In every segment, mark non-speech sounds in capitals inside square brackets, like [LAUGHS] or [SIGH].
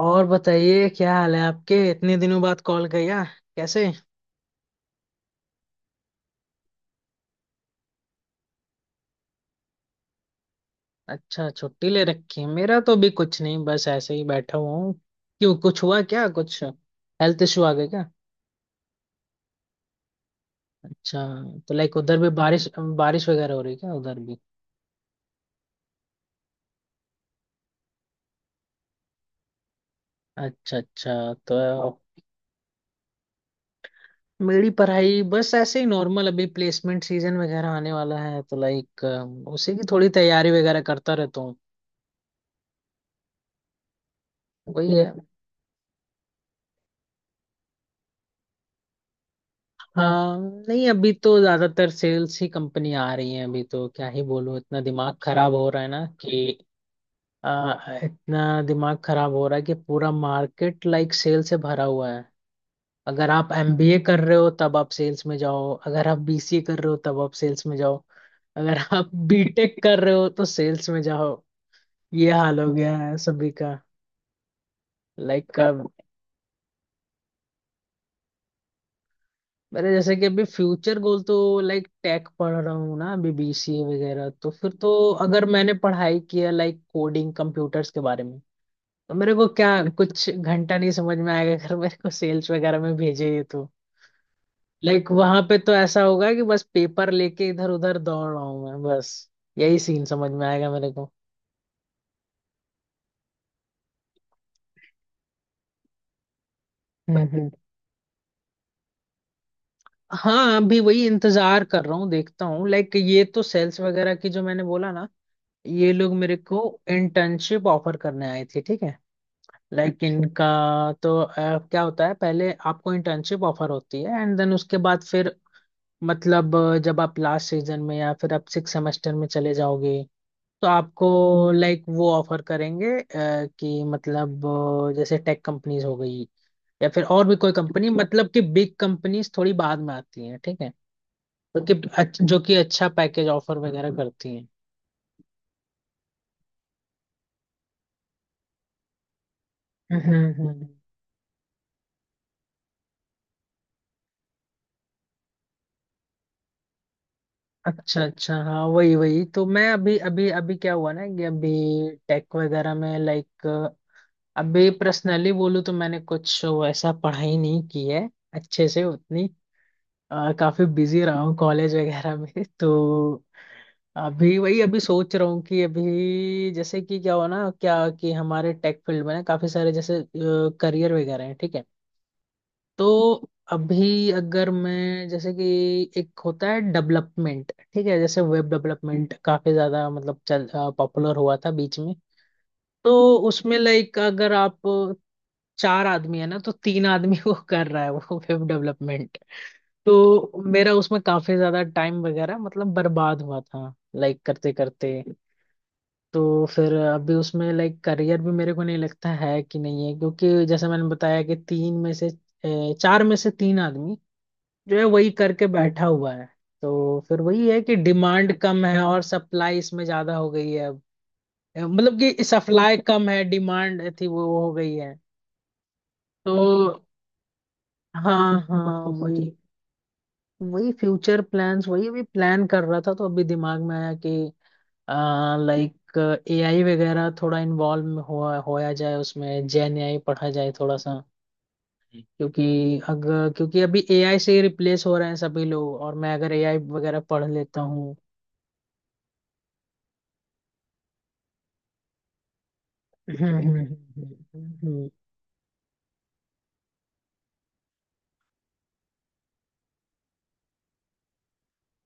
और बताइए, क्या हाल है? आपके इतने दिनों बाद कॉल किया, कैसे? अच्छा, छुट्टी ले रखी है। मेरा तो भी कुछ नहीं, बस ऐसे ही बैठा हुआ हूँ। क्यों, कुछ हुआ क्या? कुछ हेल्थ इशू आ गया क्या? अच्छा। तो लाइक उधर भी बारिश बारिश वगैरह हो रही है क्या, उधर भी? अच्छा अच्छा। तो मेरी पढ़ाई बस ऐसे ही नॉर्मल। अभी प्लेसमेंट सीजन वगैरह आने वाला है तो लाइक उसी की थोड़ी तैयारी वगैरह करता रहता हूँ। वही है। हाँ। नहीं, अभी तो ज्यादातर सेल्स ही कंपनी आ रही है। अभी तो क्या ही बोलूं, इतना दिमाग खराब हो रहा है ना कि इतना दिमाग खराब हो रहा है कि पूरा मार्केट लाइक सेल से भरा हुआ है। अगर आप एमबीए कर रहे हो तब आप सेल्स में जाओ, अगर आप बीसीए कर रहे हो तब आप सेल्स में जाओ, अगर आप बीटेक कर रहे हो तो सेल्स में जाओ। ये हाल हो गया है सभी का। लाइक मेरे जैसे कि अभी फ्यूचर गोल तो, लाइक टेक पढ़ रहा हूँ ना, अभी बीसीए वगैरह तो फिर तो अगर मैंने पढ़ाई किया लाइक कोडिंग कंप्यूटर्स के बारे में, तो मेरे को क्या कुछ घंटा नहीं समझ में आएगा। अगर मेरे को सेल्स वगैरह में भेजे ये, तो लाइक वहां पे तो ऐसा होगा कि बस पेपर लेके इधर उधर दौड़ रहा हूँ मैं, बस यही सीन समझ में आएगा मेरे को। हम्म। हाँ, अभी वही इंतजार कर रहा हूँ, देखता हूँ। लाइक ये तो सेल्स वगैरह की जो मैंने बोला ना, ये लोग मेरे को इंटर्नशिप ऑफर करने आए थे, ठीक है। लाइक इनका, तो क्या होता है पहले आपको इंटर्नशिप ऑफर होती है एंड देन उसके बाद फिर, मतलब जब आप लास्ट सीजन में या फिर आप सिक्स सेमेस्टर में चले जाओगे, तो आपको लाइक वो ऑफर करेंगे, कि मतलब जैसे टेक कंपनीज हो गई या फिर और भी कोई कंपनी, मतलब कि बिग कंपनीज थोड़ी बाद में आती हैं, ठीक है। तो कि जो कि अच्छा पैकेज ऑफर वगैरह करती हैं। हम्म हम्म हम्म। अच्छा अच्छा। हाँ, वही वही तो मैं अभी अभी अभी क्या हुआ ना कि अभी टेक वगैरह में लाइक, अभी पर्सनली बोलूँ तो मैंने कुछ वैसा पढ़ाई नहीं की है अच्छे से उतनी। काफी बिजी रहा हूँ कॉलेज वगैरह में [LAUGHS] तो अभी वही अभी सोच रहा हूँ कि अभी जैसे कि क्या हुआ ना क्या, कि हमारे टेक फील्ड में ना काफी सारे जैसे करियर वगैरह हैं, ठीक है। तो अभी अगर मैं जैसे कि एक होता है डेवलपमेंट, ठीक है, जैसे वेब डेवलपमेंट काफी ज्यादा मतलब चल पॉपुलर हुआ था बीच में। तो उसमें लाइक अगर आप चार आदमी है ना तो तीन आदमी [LAUGHS] वो कर रहा है, वो वेब डेवलपमेंट। तो मेरा उसमें काफी ज्यादा टाइम वगैरह मतलब बर्बाद हुआ था, लाइक करते करते। तो फिर अभी उसमें लाइक करियर भी मेरे को नहीं लगता है कि नहीं है, क्योंकि जैसे मैंने बताया कि तीन में से अ, चार में से तीन आदमी जो है वही करके बैठा हुआ है। तो फिर वही है कि डिमांड कम है और सप्लाई इसमें ज्यादा हो गई है अब। मतलब कि सप्लाई कम है, डिमांड थी वो हो गई है। तो हाँ हाँ, वही वही फ्यूचर प्लान्स वही अभी प्लान कर रहा था, तो अभी दिमाग में आया कि लाइक एआई वगैरह थोड़ा इन्वॉल्व हुआ होया जाए उसमें, जेन एआई पढ़ा जाए थोड़ा सा। क्योंकि अगर क्योंकि अभी एआई से ही रिप्लेस हो रहे हैं सभी लोग, और मैं अगर एआई वगैरह पढ़ लेता हूँ। हम्म, हम्म, हम्म, हम्म,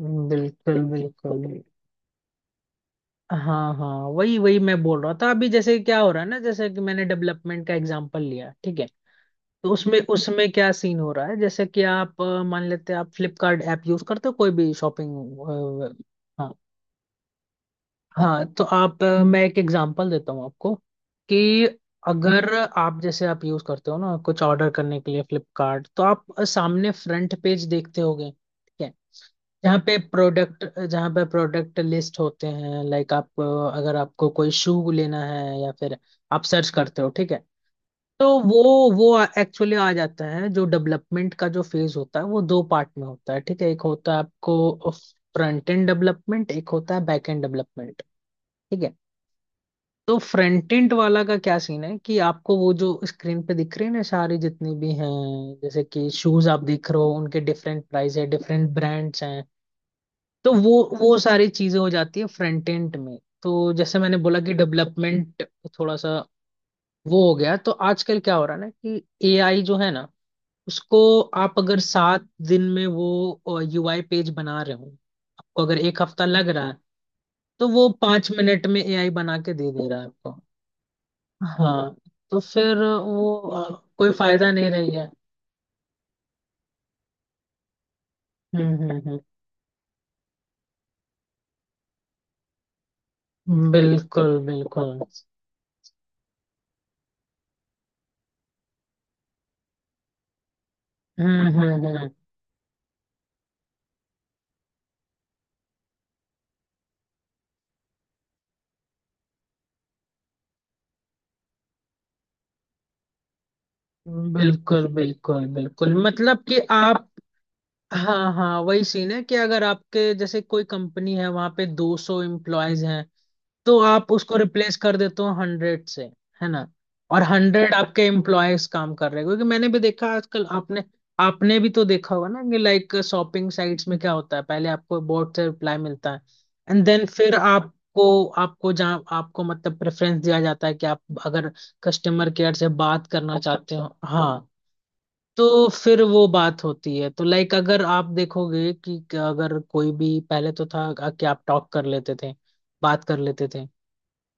बिल्कुल बिल्कुल। हाँ हाँ, वही वही मैं बोल रहा था अभी, जैसे क्या हो रहा है ना, जैसे कि मैंने डेवलपमेंट का एग्जांपल लिया, ठीक है। तो उसमें उसमें क्या सीन हो रहा है, जैसे कि आप मान लेते हैं आप फ्लिपकार्ट ऐप यूज करते हो, कोई भी शॉपिंग। हाँ। तो आप मैं एक एग्जांपल देता हूँ आपको कि अगर आप जैसे आप यूज करते हो ना कुछ ऑर्डर करने के लिए फ्लिपकार्ट, तो आप सामने फ्रंट पेज देखते होगे, ठीक है। जहाँ पे प्रोडक्ट लिस्ट होते हैं, लाइक आप अगर आपको कोई शू लेना है या फिर आप सर्च करते हो, ठीक है। तो वो एक्चुअली आ जाता है। जो डेवलपमेंट का जो फेज होता है वो दो पार्ट में होता है, ठीक है। एक होता है आपको फ्रंट एंड डेवलपमेंट, एक होता है बैक एंड डेवलपमेंट। ठीक है। तो फ्रंट एंड वाला का क्या सीन है कि आपको वो जो स्क्रीन पे दिख रहे हैं ना सारे जितने भी हैं, जैसे कि शूज आप देख रहे हो, उनके डिफरेंट प्राइस है डिफरेंट ब्रांड्स हैं। तो वो सारी चीजें हो जाती है फ्रंट एंड में। तो जैसे मैंने बोला कि डेवलपमेंट थोड़ा सा वो हो गया। तो आजकल क्या हो रहा है ना कि एआई जो है ना उसको, आप अगर 7 दिन में वो यूआई पेज बना रहे हो, आपको अगर एक हफ्ता लग रहा है, तो वो 5 मिनट में एआई बना के दे दे रहा है आपको। हाँ। तो फिर वो कोई फायदा नहीं रही है। हम्म हम्म हम्म। बिल्कुल बिल्कुल। हम्म हम्म हम्म। बिल्कुल बिल्कुल बिल्कुल। मतलब कि आप, हाँ हाँ, वही सीन है कि अगर आपके जैसे कोई कंपनी है वहां पे 200 एम्प्लॉयज हैं, तो आप उसको रिप्लेस कर देते हो 100 से, है ना। और 100 आपके एम्प्लॉयज काम कर रहे हैं, क्योंकि मैंने भी देखा आजकल, आपने आपने भी तो देखा होगा ना कि लाइक शॉपिंग साइट्स में क्या होता है, पहले आपको बोर्ड से रिप्लाई मिलता है एंड देन फिर आपको आपको जहाँ आपको मतलब प्रेफरेंस दिया जाता है कि आप अगर कस्टमर केयर से बात करना चाहते हो, हाँ। तो फिर वो बात होती है, तो लाइक अगर आप देखोगे कि अगर कोई भी पहले तो था कि आप टॉक कर लेते थे, बात कर लेते थे,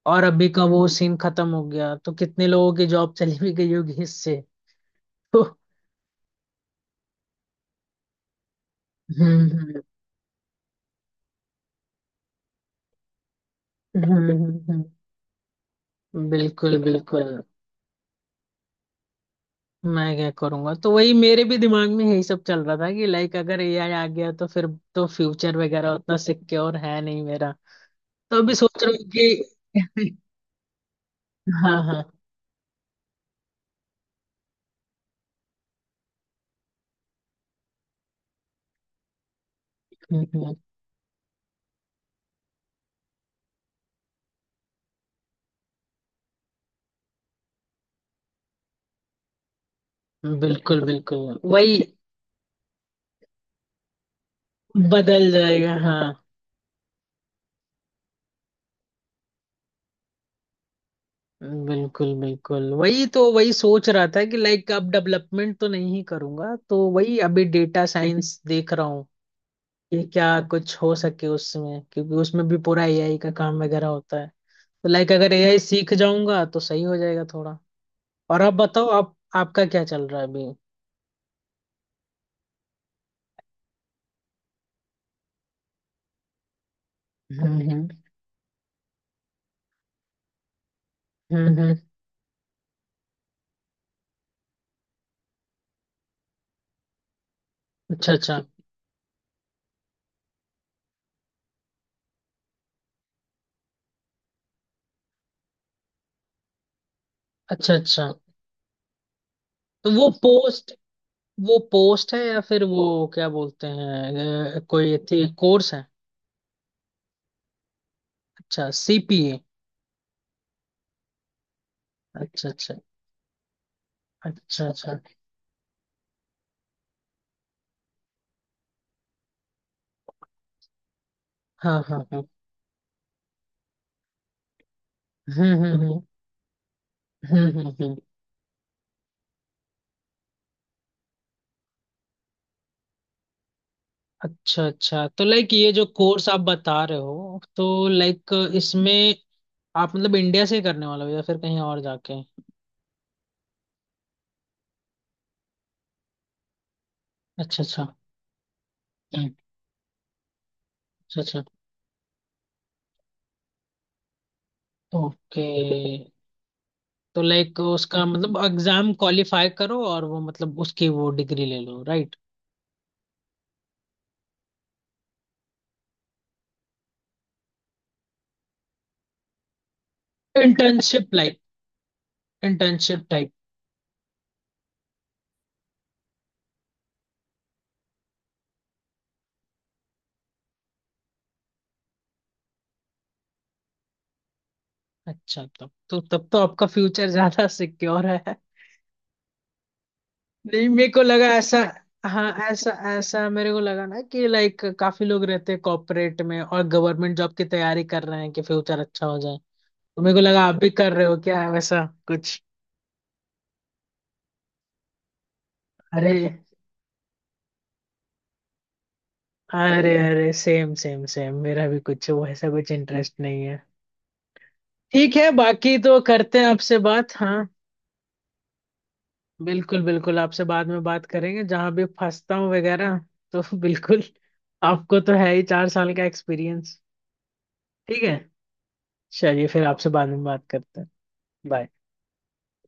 और अभी का वो सीन खत्म हो गया। तो कितने लोगों की जॉब चली भी गई होगी इससे [LAUGHS] तो हम्म हम्म हम्म, हम्म, बिल्कुल बिल्कुल। मैं क्या करूंगा, तो वही मेरे भी दिमाग में यही सब चल रहा था कि लाइक अगर एआई आ गया तो फिर, तो फ्यूचर वगैरह उतना सिक्योर है नहीं मेरा। तो अभी सोच रहा हूँ कि [LAUGHS] हाँ हाँ। हम्म, बिल्कुल बिल्कुल वही बदल जाएगा, हाँ। बिल्कुल बिल्कुल वही तो वही सोच रहा था कि लाइक अब डेवलपमेंट तो नहीं करूंगा, तो वही अभी डेटा साइंस देख रहा हूँ कि क्या कुछ हो सके उसमें, क्योंकि उसमें भी पूरा एआई का काम वगैरह होता है। तो लाइक अगर एआई सीख जाऊंगा तो सही हो जाएगा थोड़ा। और आप बताओ आप, आपका क्या चल रहा है अभी? हम्म हम्म हम्म हम्म। अच्छा अच्छा। अच्छा अच्छा। तो वो पोस्ट, वो पोस्ट है या फिर वो क्या बोलते हैं, कोई थी कोर्स है? अच्छा, सीपीए। अच्छा अच्छा। अच्छा अच्छा। हाँ हाँ हाँ। हम्म। हम्म हम्म हम्म। अच्छा अच्छा। तो लाइक ये जो कोर्स आप बता रहे हो, तो लाइक इसमें आप मतलब इंडिया से ही करने वाले हो या फिर कहीं और जाके? अच्छा अच्छा। हम्म, अच्छा अच्छा। ओके। तो लाइक उसका मतलब एग्जाम क्वालिफाई करो और वो मतलब उसकी वो डिग्री ले लो, right? Internship like, internship type. अच्छा, तो तब तो आपका फ्यूचर ज्यादा सिक्योर है। नहीं, मेरे को लगा ऐसा। हाँ, ऐसा ऐसा मेरे को लगा ना कि लाइक काफी लोग रहते हैं कॉर्पोरेट में और गवर्नमेंट जॉब की तैयारी कर रहे हैं कि फ्यूचर अच्छा हो जाए। तो मेरे को लगा आप भी कर रहे हो, क्या है वैसा कुछ? अरे अरे अरे, सेम सेम सेम, मेरा भी कुछ वैसा कुछ इंटरेस्ट नहीं है। ठीक है, बाकी तो करते हैं आपसे बात, हाँ। बिल्कुल बिल्कुल, आपसे बाद में बात करेंगे जहां भी फंसता हूँ वगैरह, तो [LAUGHS] बिल्कुल, आपको तो है ही 4 साल का एक्सपीरियंस। ठीक है, चलिए फिर आपसे बाद में बात करते हैं। बाय।